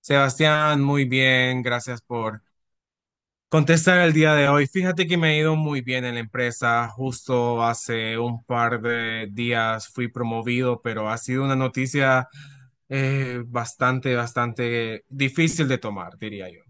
Sebastián, muy bien, gracias por contestar el día de hoy. Fíjate que me ha ido muy bien en la empresa. Justo hace un par de días fui promovido, pero ha sido una noticia bastante difícil de tomar, diría yo.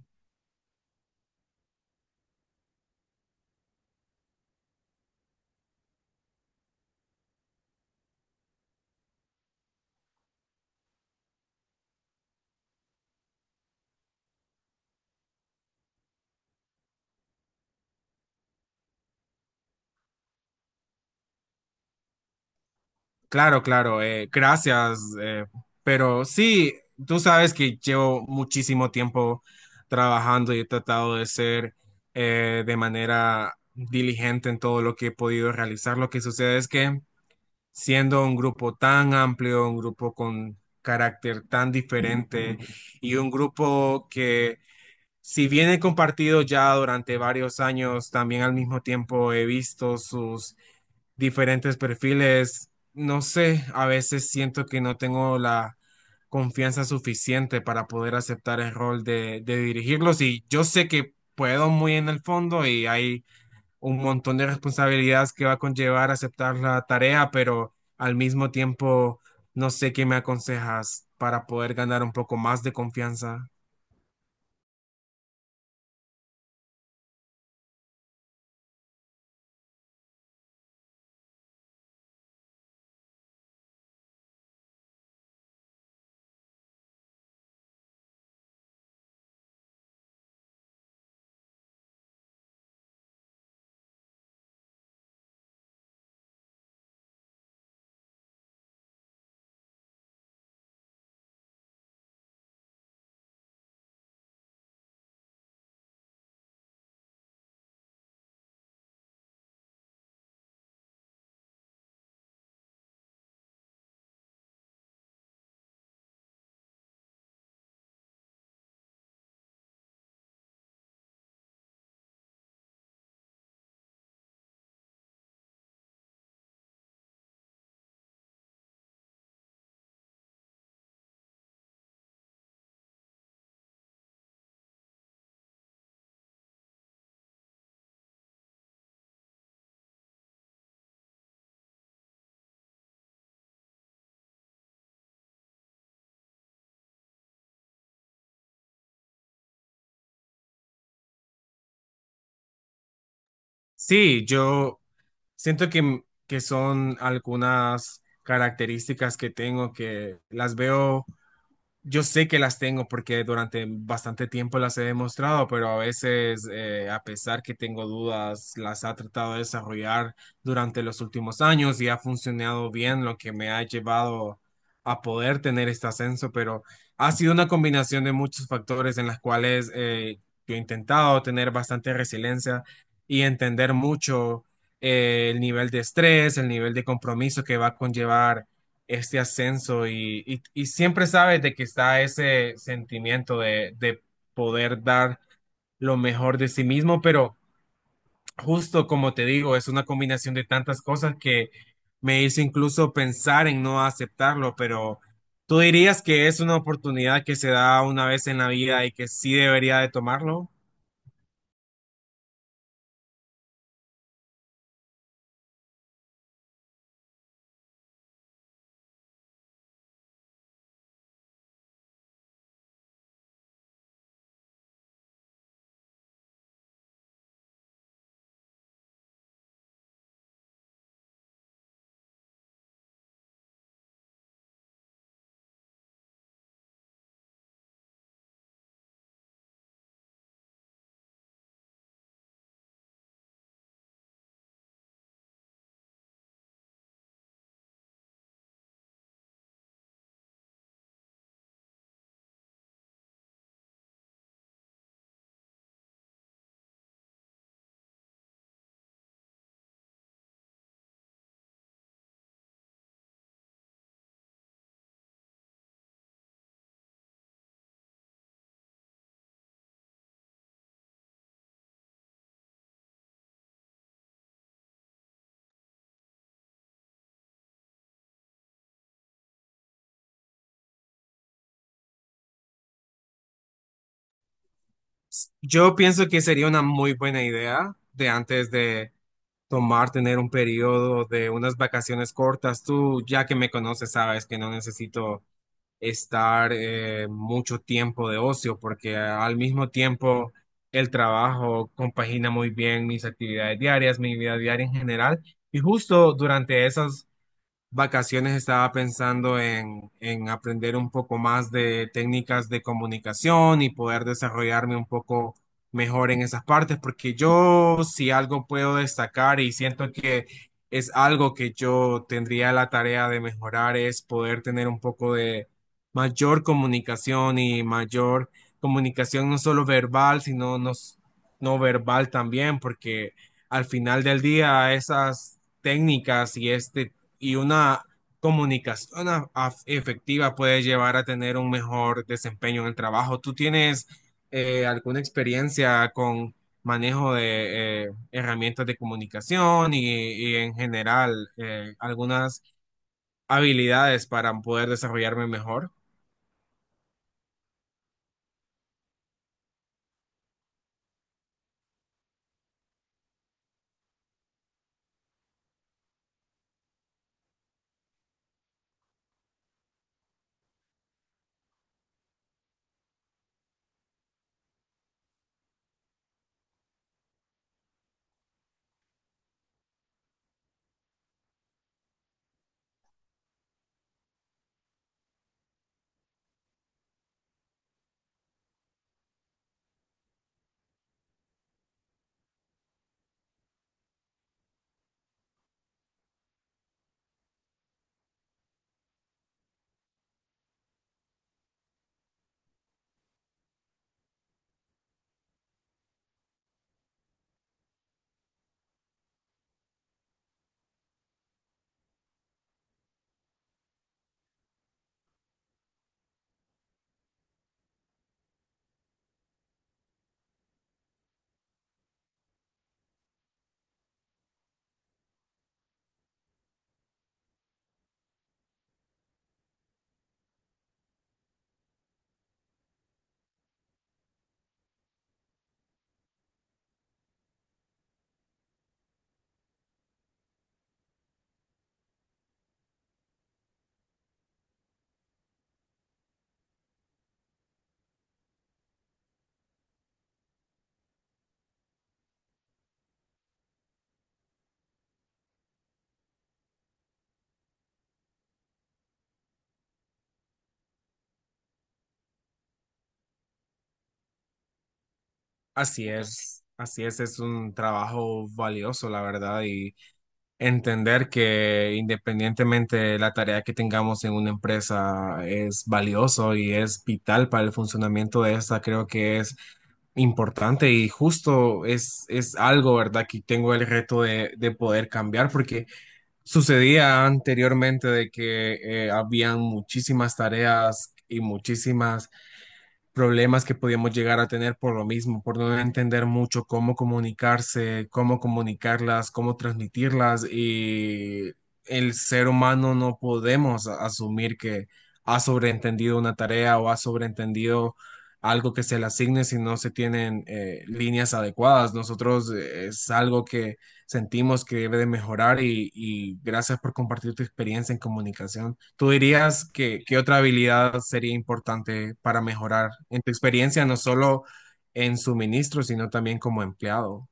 Claro, claro, gracias, pero sí, tú sabes que llevo muchísimo tiempo trabajando y he tratado de ser de manera diligente en todo lo que he podido realizar. Lo que sucede es que siendo un grupo tan amplio, un grupo con carácter tan diferente y un grupo que si bien he compartido ya durante varios años, también al mismo tiempo he visto sus diferentes perfiles, no sé, a veces siento que no tengo la confianza suficiente para poder aceptar el rol de dirigirlos y yo sé que puedo muy en el fondo y hay un montón de responsabilidades que va a conllevar aceptar la tarea, pero al mismo tiempo no sé qué me aconsejas para poder ganar un poco más de confianza. Sí, yo siento que son algunas características que tengo que las veo. Yo sé que las tengo porque durante bastante tiempo las he demostrado, pero a veces, a pesar que tengo dudas, las ha tratado de desarrollar durante los últimos años y ha funcionado bien, lo que me ha llevado a poder tener este ascenso, pero ha sido una combinación de muchos factores en las cuales yo he intentado tener bastante resiliencia y entender mucho, el nivel de estrés, el nivel de compromiso que va a conllevar este ascenso y siempre sabes de que está ese sentimiento de poder dar lo mejor de sí mismo, pero justo como te digo, es una combinación de tantas cosas que me hizo incluso pensar en no aceptarlo, pero ¿tú dirías que es una oportunidad que se da una vez en la vida y que sí debería de tomarlo? Yo pienso que sería una muy buena idea de antes de tomar, tener un periodo de unas vacaciones cortas. Tú, ya que me conoces, sabes que no necesito estar mucho tiempo de ocio porque al mismo tiempo el trabajo compagina muy bien mis actividades diarias, mi vida diaria en general. Y justo durante esas vacaciones estaba pensando en aprender un poco más de técnicas de comunicación y poder desarrollarme un poco mejor en esas partes, porque yo si algo puedo destacar y siento que es algo que yo tendría la tarea de mejorar es poder tener un poco de mayor comunicación y mayor comunicación, no solo verbal, sino no verbal también, porque al final del día esas técnicas y este y una comunicación efectiva puede llevar a tener un mejor desempeño en el trabajo. ¿Tú tienes alguna experiencia con manejo de herramientas de comunicación y en general, algunas habilidades para poder desarrollarme mejor? Así es un trabajo valioso, la verdad, y entender que independientemente de la tarea que tengamos en una empresa es valioso y es vital para el funcionamiento de esta, creo que es importante y justo es algo, ¿verdad? Que tengo el reto de poder cambiar porque sucedía anteriormente de que habían muchísimas tareas y muchísimas problemas que podíamos llegar a tener por lo mismo, por no entender mucho cómo comunicarse, cómo comunicarlas, cómo transmitirlas y el ser humano no podemos asumir que ha sobreentendido una tarea o ha sobreentendido algo que se le asigne si no se tienen líneas adecuadas. Nosotros, es algo que sentimos que debe de mejorar y gracias por compartir tu experiencia en comunicación. ¿Tú dirías que qué otra habilidad sería importante para mejorar en tu experiencia, no solo en suministro, sino también como empleado?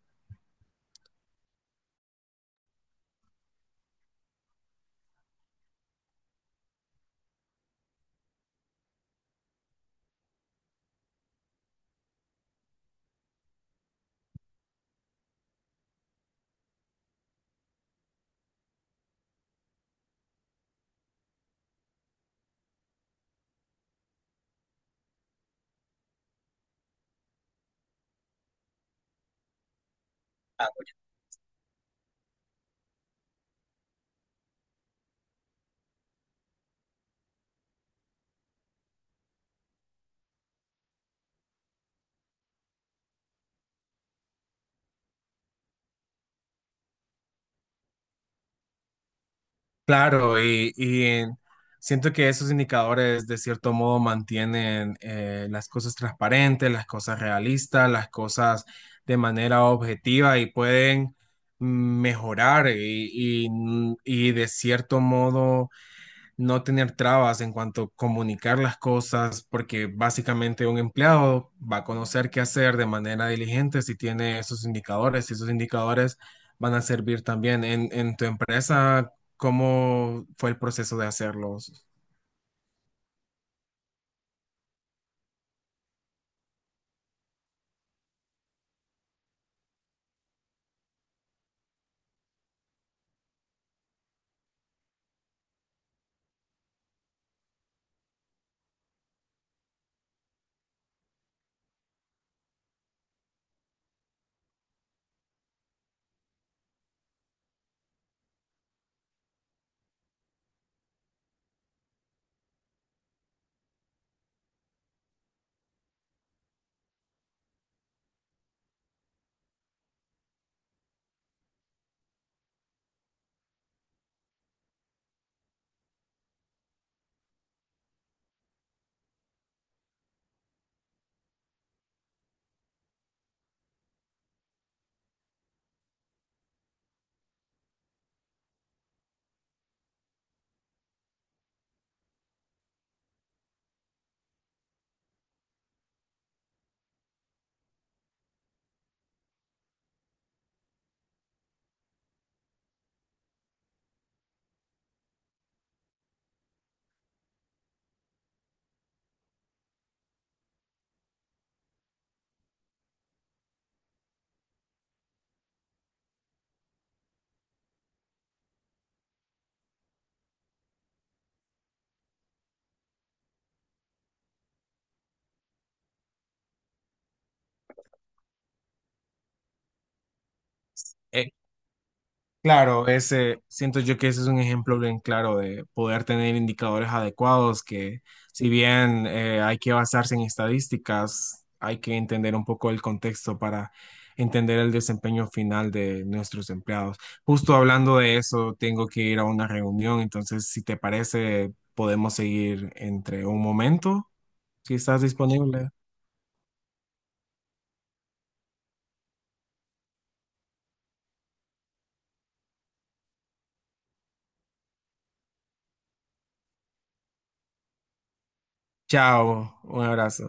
Claro, y siento que esos indicadores de cierto modo mantienen, las cosas transparentes, las cosas realistas, las cosas de manera objetiva y pueden mejorar y de cierto modo no tener trabas en cuanto a comunicar las cosas, porque básicamente un empleado va a conocer qué hacer de manera diligente si tiene esos indicadores, y esos indicadores van a servir también en tu empresa. ¿Cómo fue el proceso de hacerlos? Claro, ese, siento yo que ese es un ejemplo bien claro de poder tener indicadores adecuados que si bien, hay que basarse en estadísticas, hay que entender un poco el contexto para entender el desempeño final de nuestros empleados. Justo hablando de eso, tengo que ir a una reunión, entonces si te parece, podemos seguir entre un momento, si estás disponible. Chao, un abrazo.